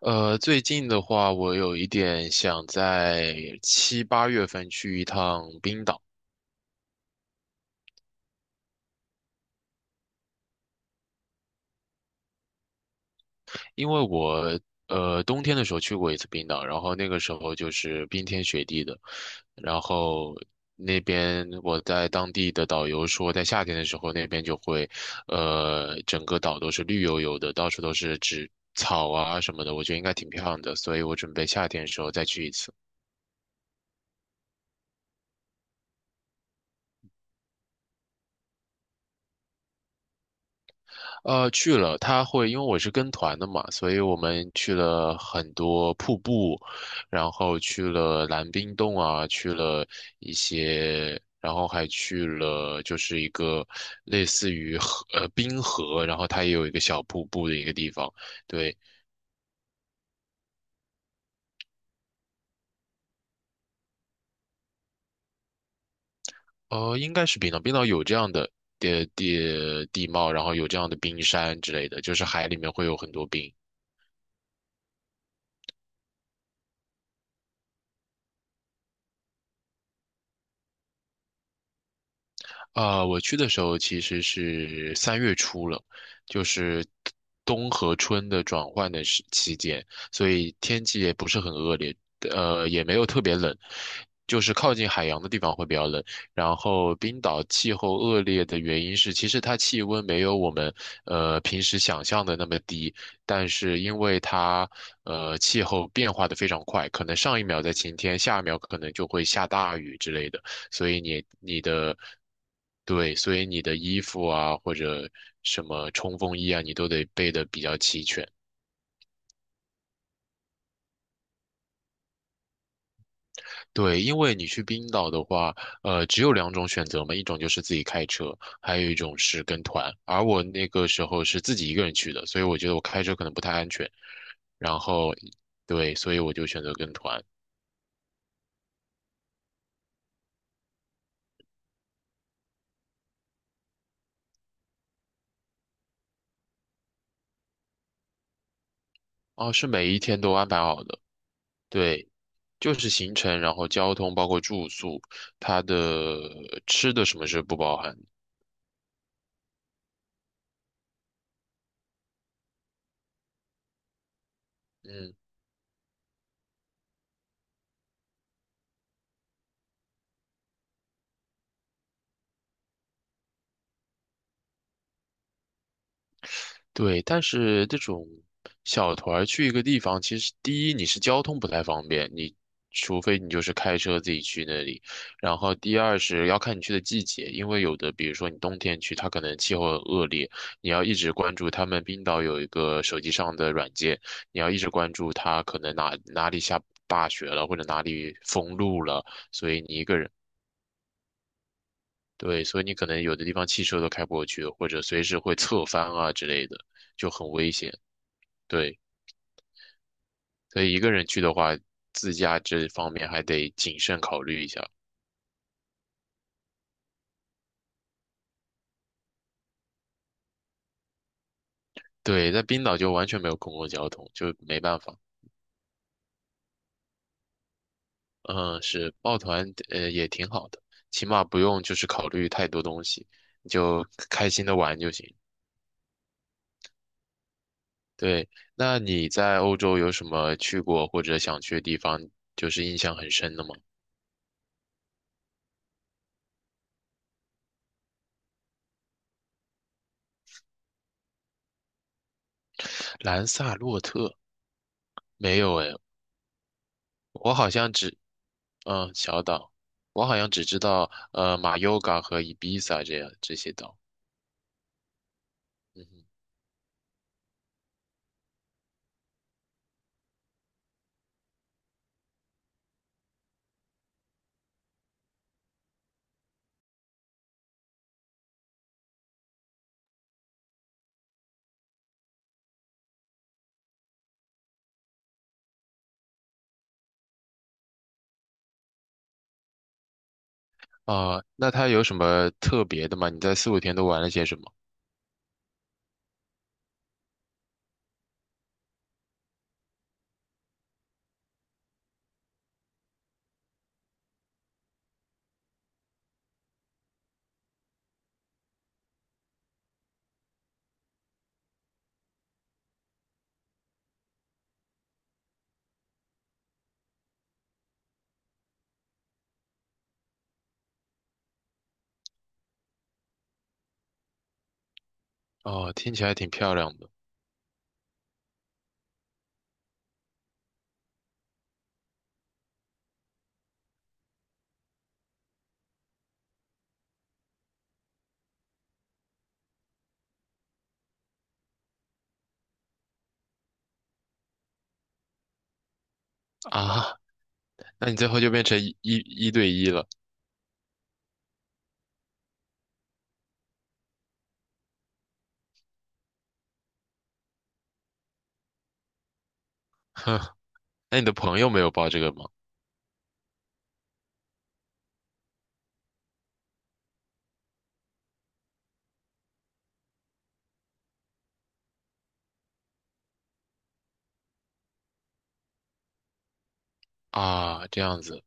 最近的话，我有一点想在七八月份去一趟冰岛，因为我冬天的时候去过一次冰岛，然后那个时候就是冰天雪地的，然后那边我在当地的导游说，在夏天的时候那边就会，整个岛都是绿油油的，到处都是植草啊什么的，我觉得应该挺漂亮的，所以我准备夏天的时候再去一次。去了，他会，因为我是跟团的嘛，所以我们去了很多瀑布，然后去了蓝冰洞啊，去了一些，然后还去了就是一个类似于河，冰河，然后它也有一个小瀑布的一个地方，对，应该是冰岛，冰岛有这样的地貌，然后有这样的冰山之类的，就是海里面会有很多冰。我去的时候其实是三月初了，就是冬和春的转换的时期间，所以天气也不是很恶劣，也没有特别冷，就是靠近海洋的地方会比较冷。然后冰岛气候恶劣的原因是，其实它气温没有我们平时想象的那么低，但是因为它气候变化的非常快，可能上一秒在晴天，下一秒可能就会下大雨之类的。所以你你的对，所以你的衣服啊或者什么冲锋衣啊，你都得备的比较齐全。对，因为你去冰岛的话，只有两种选择嘛，一种就是自己开车，还有一种是跟团。而我那个时候是自己一个人去的，所以我觉得我开车可能不太安全。然后，对，所以我就选择跟团。哦，是每一天都安排好的，对，就是行程，然后交通，包括住宿，它的吃的什么是不包含的。嗯，对，但是这种小团儿去一个地方，其实第一你是交通不太方便，你除非你就是开车自己去那里，然后第二是要看你去的季节，因为有的比如说你冬天去，它可能气候很恶劣，你要一直关注他们冰岛有一个手机上的软件，你要一直关注它可能哪里下大雪了，或者哪里封路了，所以你一个人，对，所以你可能有的地方汽车都开不过去，或者随时会侧翻啊之类的，就很危险。对，所以一个人去的话，自驾这方面还得谨慎考虑一下。对，在冰岛就完全没有公共交通，就没办法。嗯，是抱团，也挺好的，起码不用就是考虑太多东西，你就开心的玩就行。对，那你在欧洲有什么去过或者想去的地方，就是印象很深的吗？兰萨洛特没有诶，我好像只嗯，小岛，我好像只知道马尤嘎和伊比萨这样这些岛。嗯哼，那它有什么特别的吗？你在四五天都玩了些什么？哦，听起来挺漂亮的啊。那你最后就变成一对一了，哼。那你的朋友没有报这个吗？啊，这样子，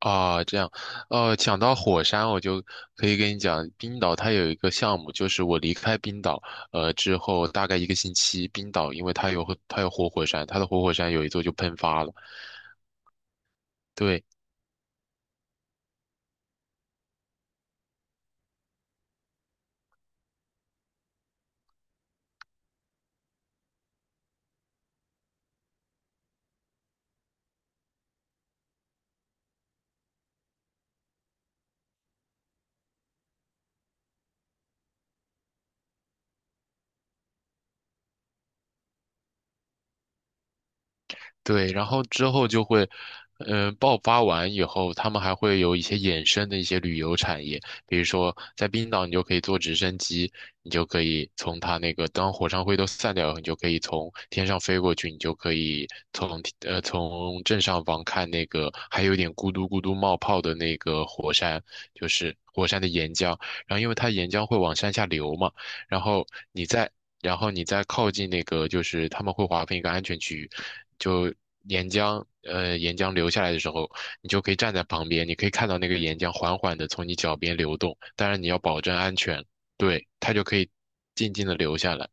啊，这样，讲到火山，我就可以跟你讲，冰岛它有一个项目，就是我离开冰岛，之后大概一个星期，冰岛因为它有活火山，它的活火山有一座就喷发了，对。对，然后之后就会，爆发完以后，他们还会有一些衍生的一些旅游产业，比如说在冰岛，你就可以坐直升机，你就可以从它那个当火山灰都散掉以后你就可以从天上飞过去，你就可以从正上方看那个还有点咕嘟咕嘟冒泡的那个火山，就是火山的岩浆，然后因为它岩浆会往山下流嘛，然后你在然后你再靠近那个，就是他们会划分一个安全区域，就岩浆，岩浆流下来的时候，你就可以站在旁边，你可以看到那个岩浆缓缓的从你脚边流动，当然你要保证安全，对，它就可以静静的流下来。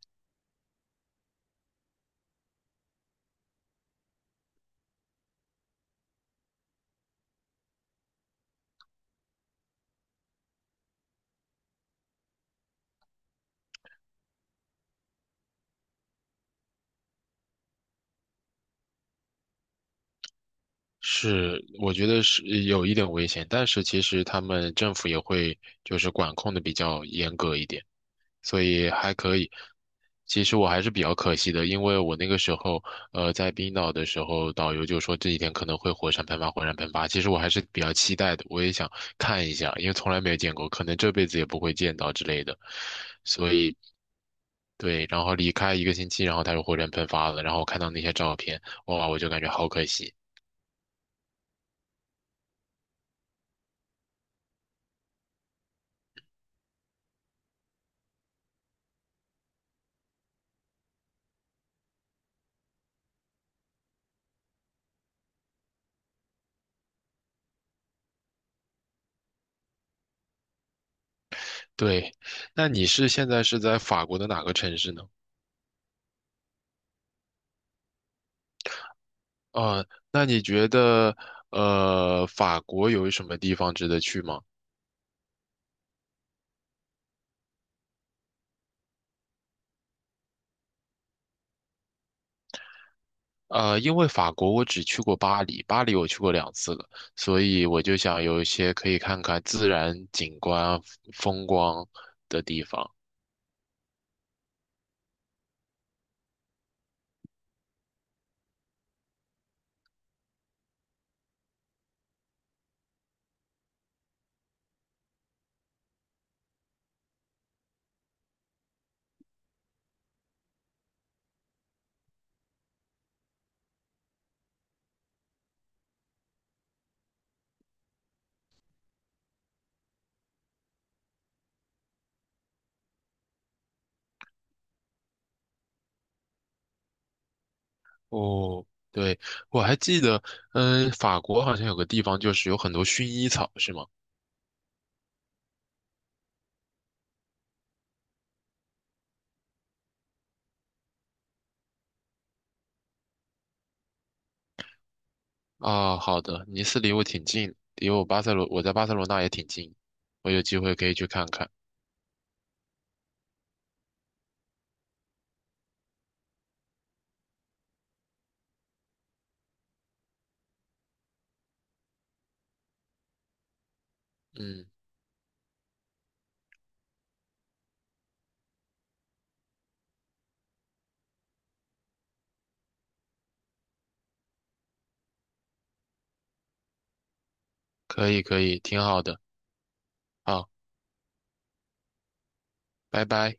是，我觉得是有一点危险，但是其实他们政府也会就是管控的比较严格一点。所以还可以。其实我还是比较可惜的，因为我那个时候，在冰岛的时候，导游就说这几天可能会火山喷发，火山喷发。其实我还是比较期待的，我也想看一下，因为从来没有见过，可能这辈子也不会见到之类的。所以，对，然后离开一个星期，然后他就火山喷发了，然后我看到那些照片，哇，我就感觉好可惜。对，那你是现在是在法国的哪个城市呢？呃，那你觉得，法国有什么地方值得去吗？因为法国我只去过巴黎，巴黎我去过两次了，所以我就想有一些可以看看自然景观、风光的地方。哦，对，我还记得，法国好像有个地方就是有很多薰衣草，是吗？啊，好的，尼斯离我挺近，离我巴塞罗，我在巴塞罗那也挺近，我有机会可以去看看。嗯，可以可以，挺好的，好，拜拜。